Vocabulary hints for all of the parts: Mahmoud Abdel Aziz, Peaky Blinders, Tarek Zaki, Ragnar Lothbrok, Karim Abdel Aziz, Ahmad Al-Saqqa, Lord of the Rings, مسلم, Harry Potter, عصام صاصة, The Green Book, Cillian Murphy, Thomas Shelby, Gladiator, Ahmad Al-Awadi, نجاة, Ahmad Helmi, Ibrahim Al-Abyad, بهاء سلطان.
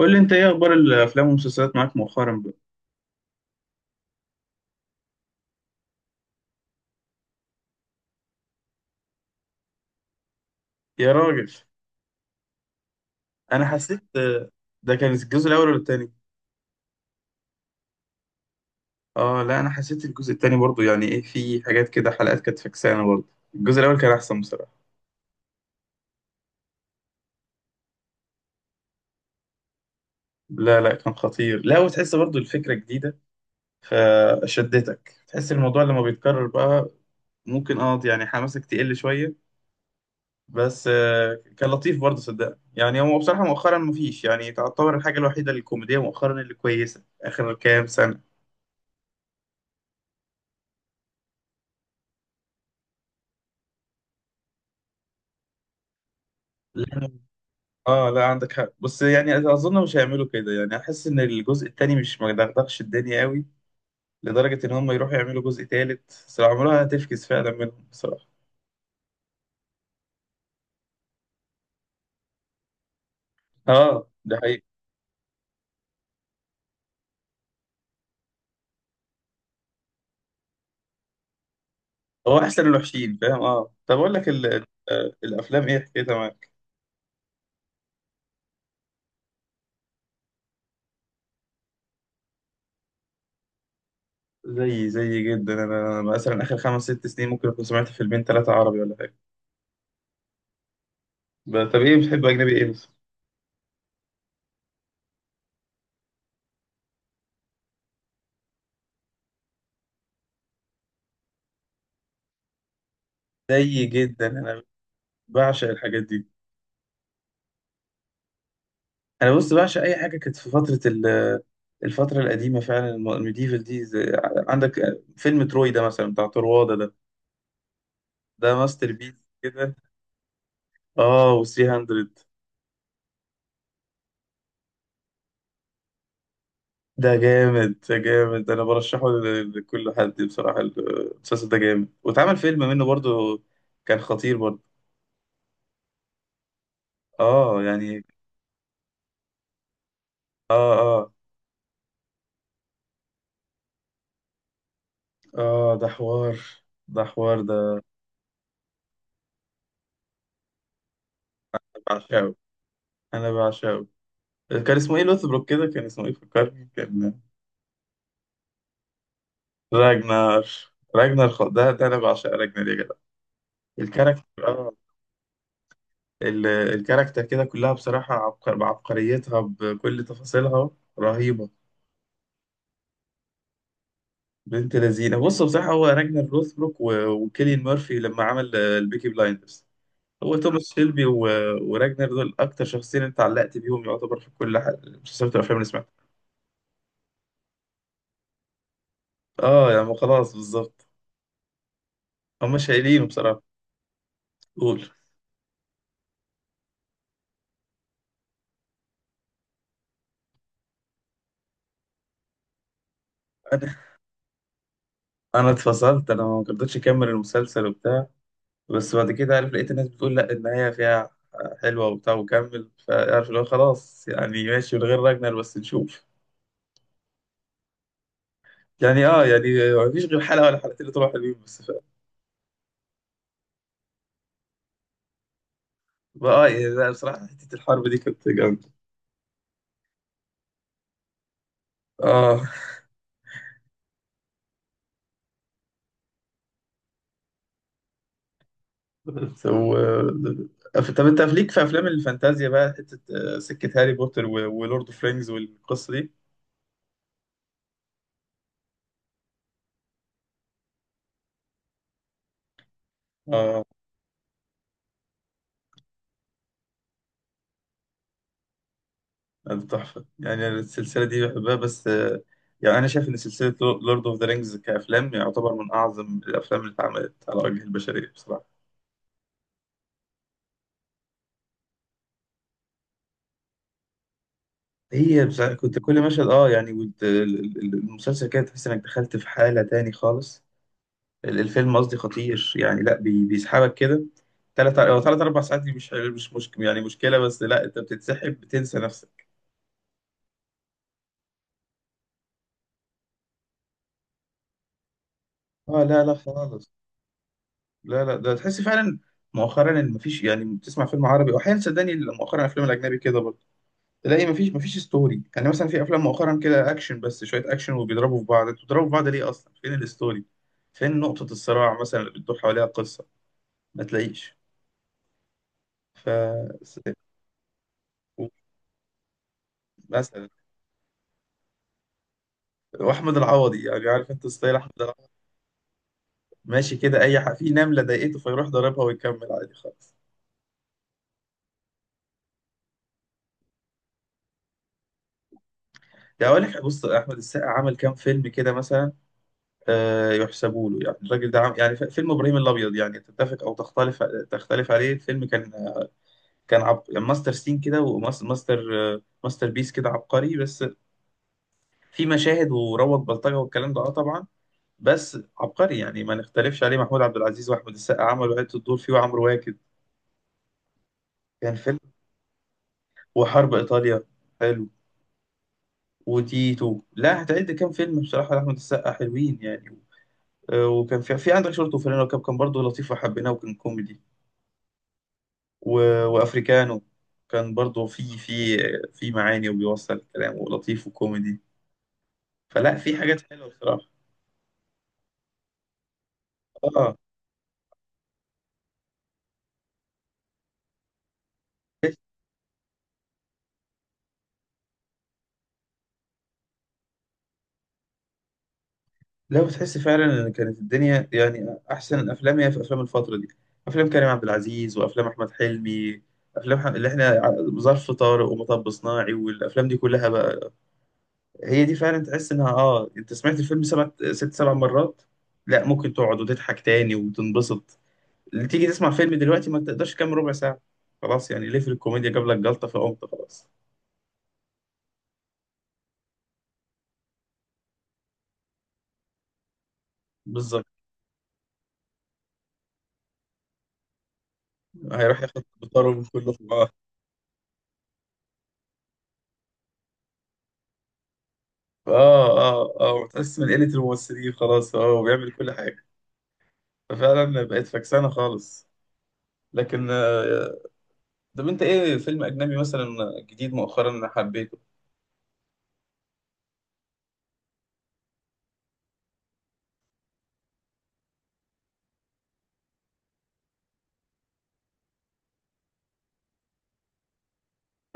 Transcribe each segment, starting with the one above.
قول لي انت ايه اخبار الافلام والمسلسلات معاك مؤخرا بقى؟ يا راجل، انا حسيت، ده كان الجزء الاول ولا التاني؟ اه، لا، انا حسيت الجزء التاني برضو، يعني ايه، في حاجات كده، حلقات كانت فكسانه برضو. الجزء الاول كان احسن بصراحه. لا، لا كان خطير، لا، وتحس برضو الفكره جديده فشدتك. تحس الموضوع لما بيتكرر بقى ممكن، يعني حماسك تقل شويه، بس كان لطيف برضه، صدقني. يعني هو بصراحه مؤخرا مفيش، يعني تعتبر الحاجه الوحيده الكوميديه مؤخرا اللي كويسه اخر كام سنه. لا. اه، لا، عندك حق، بس يعني اظن مش هيعملوا كده، يعني احس ان الجزء التاني مش مدغدغش الدنيا قوي لدرجه ان هم يروحوا يعملوا جزء تالت. صراحه عمرها هتفكس فعلا منهم بصراحه. اه، ده حقيقي. هو احسن الوحشين فاهم. اه طب اقول لك الافلام ايه حكايتها معاك؟ زي جدا انا، مثلا اخر خمس ست سنين ممكن اكون سمعت فيلمين ثلاثه عربي ولا حاجه. طب ايه بتحب؟ اجنبي ايه بس؟ زي جدا انا، بعشق الحاجات دي. انا بص، بعشق اي حاجه كانت في فتره الفتره القديمه فعلا، الميديفال دي، عندك فيلم تروي ده مثلا بتاع طروادة ده، ده ماستر بيس كده. اه، و 300 ده جامد، ده جامد. انا برشحه لكل حد بصراحه، المسلسل ده جامد، واتعمل فيلم منه برضو، كان خطير برضو. اه يعني. اه اه اه ده حوار، ده حوار ده. بعشقه، انا بعشقه. كان اسمه ايه؟ لوثبروك كده، كان اسمه ايه؟ فكرني. كان راجنر، راجنر، ده انا بعشق راجنر يا جدع. الكاركتر، الكاركتر كده كلها بصراحة عبقر، بعبقريتها بكل تفاصيلها، رهيبة. بنت لذينة. بص بصراحة، هو راجنر روثبروك وكيليان مورفي لما عمل البيكي بلايندرز، هو توماس شيلبي وراجنر، دول أكتر شخصين أنت علقت بيهم، يعتبر في كل حاجة، مسلسلات الأفلام اللي سمعتها. اه يعني خلاص، بالظبط. هما شايلين بصراحة. قول. أنا أنا اتفصلت، أنا ما قدرتش أكمل المسلسل وبتاع. بس بعد كده، عارف، لقيت الناس بتقول لا النهاية فيها حلوة وبتاع، وكمل. فعارف اللي هو خلاص، يعني ماشي من غير راجنر، بس نشوف. يعني، يعني ما فيش غير حلقة ولا حلقتين اللي طلعوا حلوين، بس ف... اه يعني، لا بصراحة حتة الحرب دي كانت جامدة. اه. سو طب انت ليك في افلام الفانتازيا بقى حتة؟ سكة هاري بوتر ولورد اوف رينجز والقصة دي. آه. ده تحفة، يعني أنا السلسلة دي بحبها بس، يعني أنا شايف إن سلسلة لورد أوف ذا رينجز كأفلام يعتبر من أعظم الأفلام اللي اتعملت على وجه البشرية بصراحة. هي بس كنت كل مشهد، يعني، المسلسل كده تحس إنك دخلت في حالة تاني خالص. الفيلم قصدي خطير يعني، لأ بيسحبك كده. تلات أو تلات أربع ساعات دي مش مشكلة، يعني مشكلة بس لأ، أنت بتتسحب، بتنسى نفسك. أه لا، لا خالص. لا لا، ده تحس فعلا مؤخرا ان مفيش، يعني بتسمع فيلم عربي، واحيانا صدقني مؤخرا الافلام الاجنبي كده تلاقي مفيش ستوري. يعني مثلا في افلام مؤخرا كده اكشن، بس شويه اكشن وبيضربوا في بعض. انتوا بتضربوا في بعض ليه اصلا؟ فين الستوري؟ فين نقطه الصراع مثلا اللي بتدور حواليها القصه؟ ما تلاقيش. ف س- و- مثلا واحمد العوضي، يعني عارف انت ستايل احمد العوضي، ماشي كده، اي حق في نمله ضايقته فيروح ضاربها ويكمل عادي خالص. يعني اقول لك، بص، احمد السقا عمل كام فيلم كده مثلا، آه يحسبوا له. يعني الراجل ده يعني، فيلم ابراهيم الابيض، يعني تتفق او تختلف، تختلف عليه، الفيلم كان، كان يعني ماستر سين كده، وماستر بيس كده، عبقري. بس في مشاهد وروض بلطجة والكلام ده، اه طبعا. بس عبقري يعني، ما نختلفش عليه. محمود عبد العزيز واحمد السقا عملوا عدة دور فيه، وعمرو واكد، كان فيلم، وحرب ايطاليا حلو، وتيتو. لا، هتعد كام فيلم بصراحة لأحمد السقا حلوين. يعني وكان في عندك شورت وفانلة وكاب، كان برضه لطيف وحبيناه وكان كوميدي. و... وافريكانو كان برضه، في معاني وبيوصل الكلام، ولطيف وكوميدي. فلا، في حاجات حلوة بصراحة. اه، لا بتحس فعلا ان كانت الدنيا، يعني احسن الافلام هي في افلام الفتره دي، افلام كريم عبد العزيز وافلام احمد حلمي، افلام اللي احنا ظرف طارق، ومطب صناعي، والافلام دي كلها بقى، هي دي فعلا. تحس انها، انت سمعت الفيلم سبع ست سبع مرات، لا ممكن تقعد وتضحك تاني وتنبسط. اللي تيجي تسمع فيلم دلوقتي ما تقدرش كام ربع ساعه، خلاص يعني، ليه؟ في الكوميديا جاب لك جلطه فقمت، خلاص. بالظبط. هيروح ياخد بطاره من كله. اه وتحس من قلة الممثلين خلاص، اه، وبيعمل كل حاجة. ففعلا بقت فكسانة خالص. لكن، طب انت ايه فيلم اجنبي مثلا جديد مؤخرا انا حبيته؟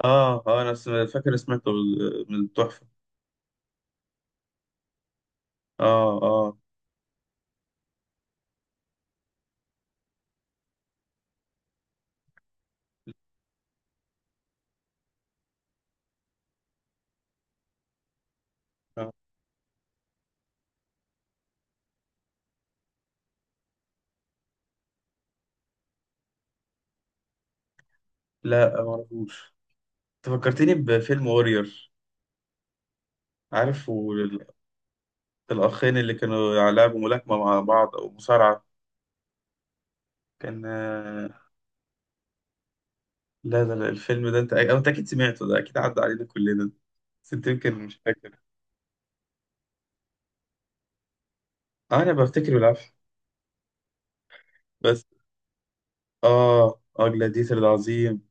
اه انا فاكر سمعته من التحفة. اه اه آه. لا، ما اعرفوش. فكرتني بفيلم وورير، عارف؟ الاخين اللي كانوا لعبوا ملاكمة مع بعض او مصارعة، كان لا لا لا، الفيلم ده، انت، أو انت اكيد سمعته، ده اكيد عدى علينا كلنا، بس انت يمكن مش فاكر. انا بفتكر بالعافيه، بس. اه جلاديتر ده عظيم.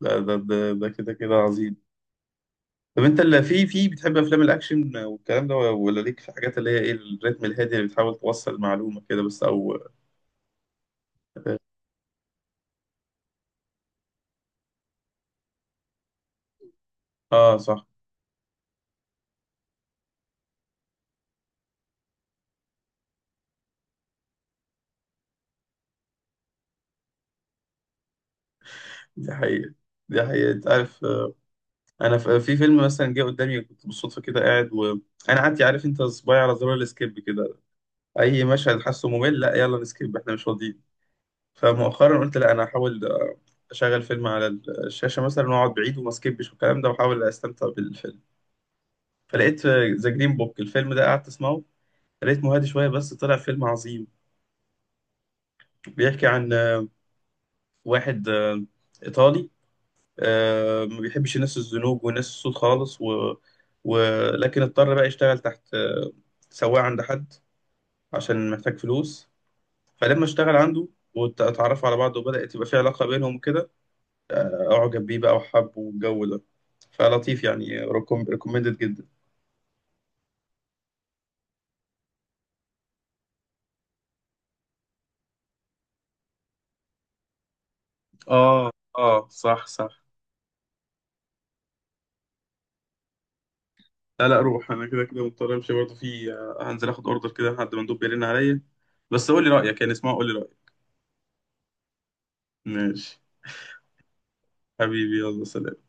لا، ده ده ده كده كده عظيم. طب انت اللي في بتحب افلام الاكشن والكلام ده، ولا ليك في حاجات اللي هي ايه الريتم الهادي اللي بتحاول توصل معلومه كده بس، او؟ اه صح. دي حقيقه، دي حقيقه. انت عارف، انا في فيلم مثلا جه قدامي، كنت بالصدفه كده قاعد وانا قعدت، عارف انت صباعي على زرار السكيب كده، اي مشهد حاسه ممل، لا، يلا نسكيب، احنا مش فاضيين. فمؤخرا قلت، لا انا هحاول، اشغل فيلم على الشاشه مثلا، واقعد بعيد وما سكيبش والكلام ده، واحاول استمتع بالفيلم. فلقيت ذا جرين بوك، الفيلم ده قعدت اسمعه، لقيت هادي شويه، بس طلع فيلم عظيم. بيحكي عن، واحد، ايطالي، ما بيحبش الناس الزنوج والناس السود خالص، و... ولكن اضطر بقى يشتغل تحت، سواق عند حد عشان محتاج فلوس. فلما اشتغل عنده واتعرفوا على بعض، وبدأت تبقى في علاقة بينهم وكده، أعجب بيه بقى وحبه والجو ده. فلطيف يعني، ريكومندد جدا. اه اه صح، صح. لا لا، روح، انا كده كده مضطر امشي برضه، في هنزل اخد اوردر كده لحد ما مندوب بيرن عليا. بس قول لي رايك، يعني اسمع قول لي رايك. ماشي. حبيبي يلا سلام.